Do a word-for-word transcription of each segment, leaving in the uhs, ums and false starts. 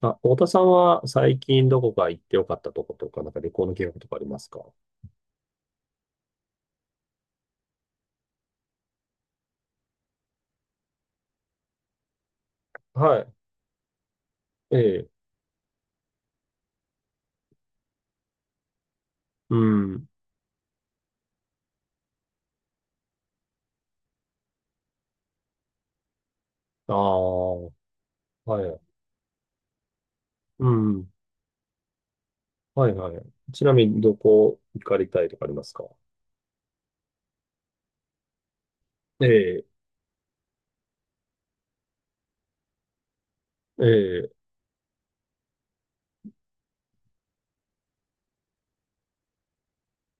あ、太田さんは最近どこか行ってよかったとことか、なんか旅行の計画とかありますか？はい。ええ。うん。ああ、はい。うん。はいはい。ちなみにどこ行かれたいとかありますか？ええ、ええ、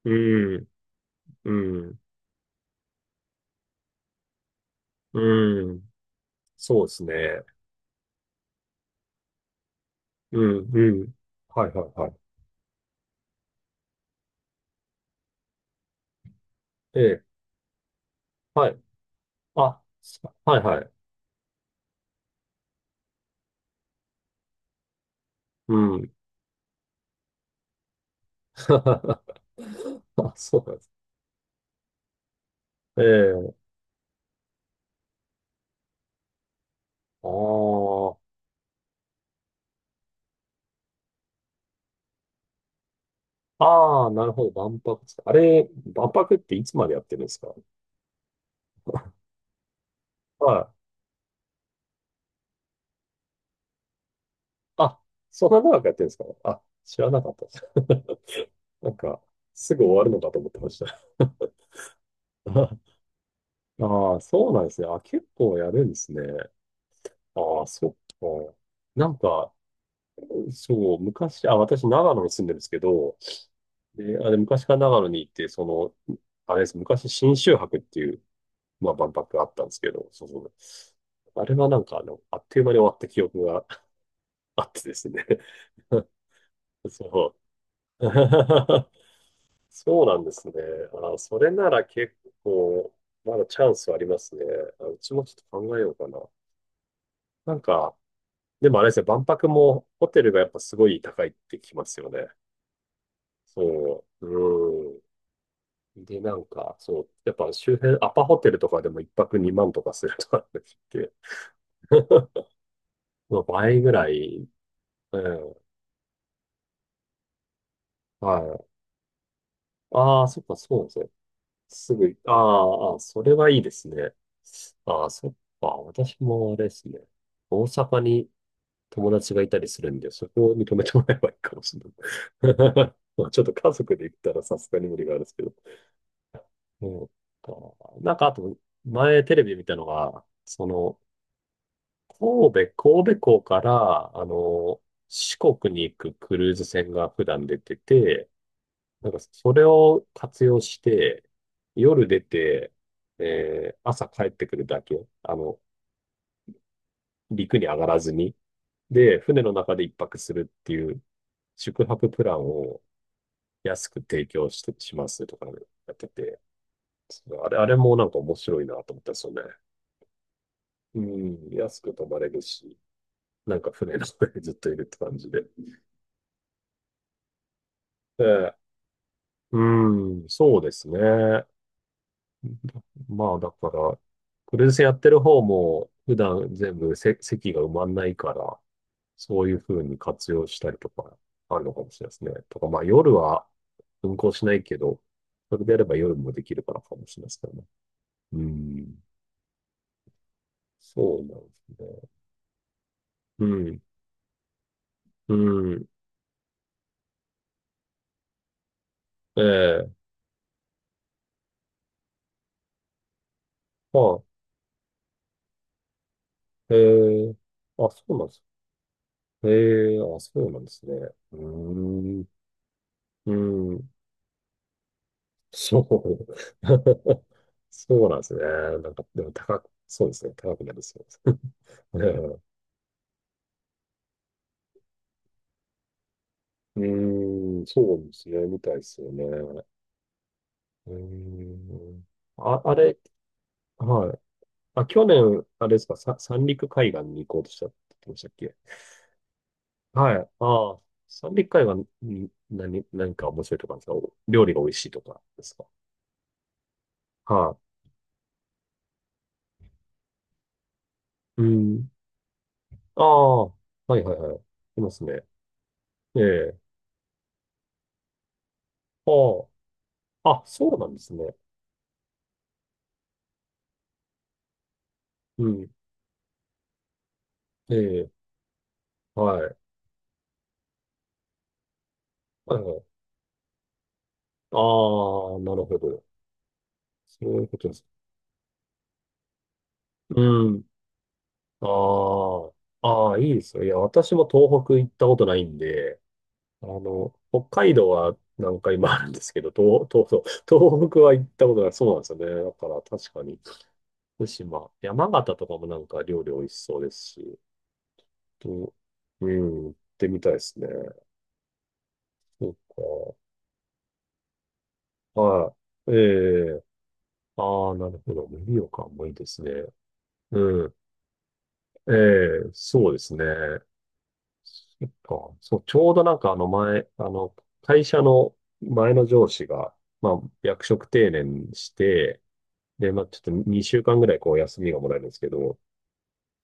うん、うん、うん。そうですね。うん、うん。はいはいはい。ええ、はい。あ、はいはい。うん。あ、そうなんです。ええ、ああ。ああ、なるほど。万博ですか。あれ、万博っていつまでやってるんですか？はい。あ、そんな長くやってるんですか？あ、知らなかったです。なんか、すぐ終わるのかと思ってました。ああ、そうなんですね。あ、結構やるんですね。ああ、そっか。なんか、そう、昔、あ、私、長野に住んでるんですけど、で、あれ、昔から長野に行って、その、あれです、昔、信州博っていう、まあ、万博があったんですけど、そうそう。あれはなんか、あの、あっという間に終わった記憶があってですね。そう。そうなんですね。あ、それなら結構、まだチャンスありますね。あ、うちもちょっと考えようかな。なんか、でもあれですね、万博もホテルがやっぱすごい高いってきますよね。そう。うん。で、なんか、そう、やっぱ周辺、アパホテルとかでも一泊にまんとかするとかって聞いて、まあ倍ぐらい、うん。はい。ああ、そっか、そうですね。すぐ、ああ、あ、それはいいですね。ああ、そっか。私もあれですね。大阪に友達がいたりするんで、そこを認めてもらえばいいかもしれない。まあ、ちょっと家族で行ったらさすがに無理があるんですけど。そうか。なんか、あと、前テレビ見たのが、その、神戸、神戸港から、あの、四国に行くクルーズ船が普段出てて、なんかそれを活用して、夜出て、えー朝帰ってくるだけ、あの、陸に上がらずに、で、船の中で一泊するっていう宿泊プランを安く提供して、しますとかね、やってて、そう、あれ、あれもなんか面白いなと思ったんですよね。うん、安く泊まれるし、なんか船の上でずっといるって感じで。ええ、うん、そうですね。まあ、だから、クルーズやってる方も、普段全部せ席が埋まんないから、そういう風に活用したりとか、あるのかもしれないですね。とか、まあ、夜は運行しないけど、それであれば夜もできるからかもしれないですけどね。うん。そうなんですね。うん。うん。ええ。まあ、ええ、あ、そうなんです。ええ、あ、そうなんですね。うーん。うん。そう。そうなんですね。なんか、でも高く、そうですね。高くなりそうです。うん、うーん、そうですね。みたいですよね。うーん。あ、あれ、はい。あ、去年、あれですか、さ、三陸海岸に行こうとしたって言ってましたっけ？はい。ああ、三陸海岸に何、何か面白いとかあるんですか？お料理が美味しいとかですか？はい。うん。ああ、はいはいはい。いますね。ええ。ああ、あ、そうなんですね。うん。ええ、はい。はいはい。ああ、なるほど。そういうことです。うん。ああ、ああ、いいですよ。いや、私も東北行ったことないんで、あの、北海道は何回もあるんですけど、東、東、そう東北は行ったことない。そうなんですよね。だから確かに、福島、山形とかもなんか料理美味しそうですし、と、うん、行ってみたいですね。そうか。はい。ええ、ああ、なるほど。盛岡もいいですね。うん。ええ、そうですね。そっか。そう、ちょうどなんかあの前、あの、会社の前の上司が、まあ、役職定年して、で、まあ、ちょっとにしゅうかんぐらいこう休みがもらえるんですけど、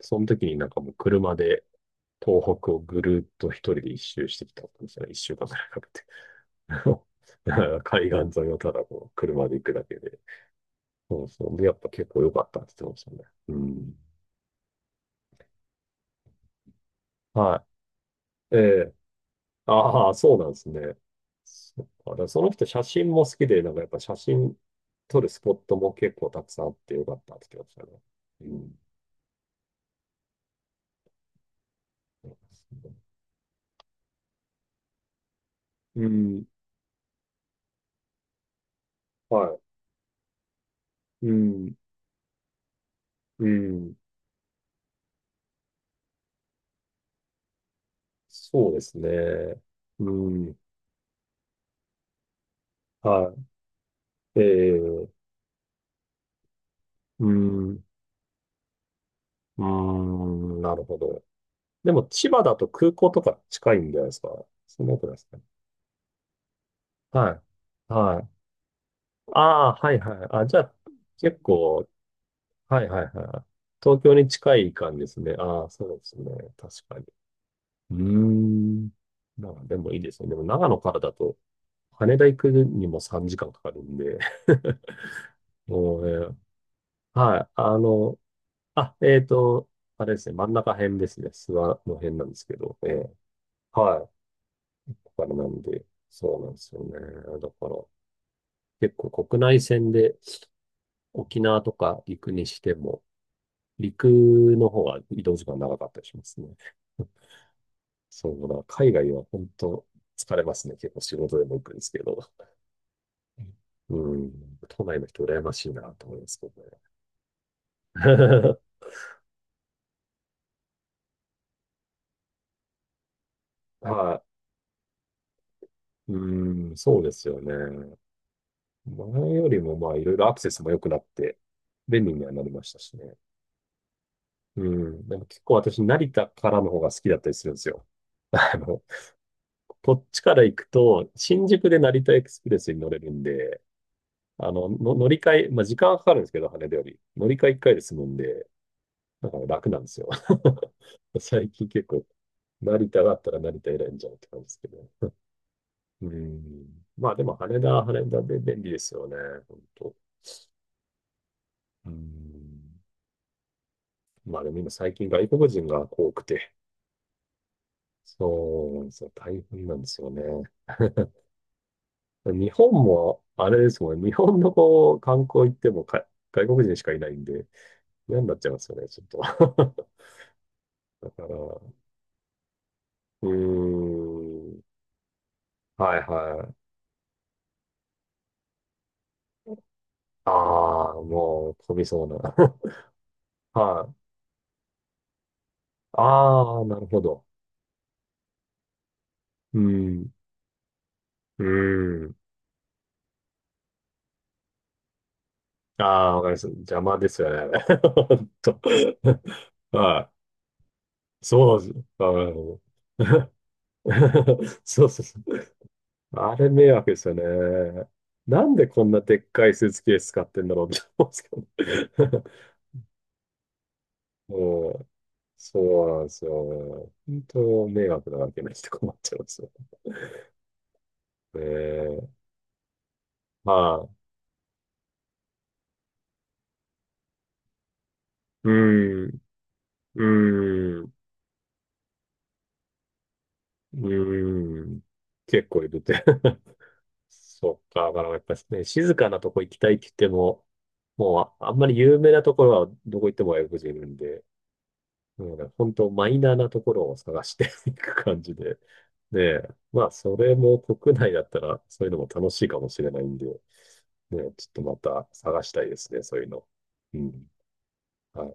その時になんかもう車で東北をぐるっと一人で一周してきたんですよね。一週間ぐらいかけて。だから海岸沿いをただこう車で行くだけで。そうそう。で、やっぱ結構良かったって言ってましたね。うん。はい。ええ、ああ、そうなんですね。そっか。だからその人写真も好きで、なんかやっぱ写真撮るスポットも結構たくさんあってよかったって言ってましたね。うん。うん。はい。うん。うん。そうですね。うん。はい。ええ、うん。うん。なるほど。でも、千葉だと空港とか近いんじゃないですか？そんなことないですかね。はい。はい。ああ、はいはい。あ、じゃあ、結構はいはいはいはい。東京に近い感じですね。ああ、そうですね。確かに。うーん。まあ、でもいいですね。でも長野からだと、羽田行くにもさんじかんかんかかるんで。もうね、はい。あの、あ、えっと、あれですね。真ん中辺ですね。諏訪の辺なんですけど。ええ。はい。だからなんで、そうなんですよね。だから、結構国内線で沖縄とか行くにしても、陸の方が移動時間長かったりしますね。そうだ、海外は本当疲れますね。結構仕事でも行くんですけど。うん、都内の人羨ましいなと思いますけどね。はい。うん、そうですよね。前よりもまあいろいろアクセスも良くなって便利にはなりましたしね。うん、でも結構私成田からの方が好きだったりするんですよ。あの、こっちから行くと新宿で成田エクスプレスに乗れるんで、あの、の乗り換え、まあ時間はかかるんですけど、羽田より。乗り換えいっかいで済むんで、だから楽なんですよ。最近結構、成田があったら成田選んじゃうって感じですけど。うん。まあでも羽田は羽田で便利ですよね。本当。うん。まあでも今最近外国人が多くて、そうなんですよ。大変なんですよね。日本も、あれですもんね。日本のこう、観光行ってもか外国人しかいないんで、嫌になっちゃいますよね、ちょっと。だから、うーん。はいはい。ああ、もう飛びそうな。はい。ああ、なるほど。うん。うん。ああ、わかります。邪魔ですよね。ほんと はい。そうです。あー そうそうそう。あれ迷惑ですよね。なんでこんなでっかいスーツケース使ってんだろうって思うんですけど。もう、そうなんですよ。本当迷惑なわけないと困っちゃいますよ。ええ、まあ、うん。うん。うーん。結構いるって。そっか。だからやっぱりね、静かなとこ行きたいって言っても、もう、あ、あんまり有名なところはどこ行っても外国人いるんで、なので、本当マイナーなところを探して いく感じで。で、まあ、それも国内だったら、そういうのも楽しいかもしれないんで、ねえ、ちょっとまた探したいですね、そういうの。うん。はい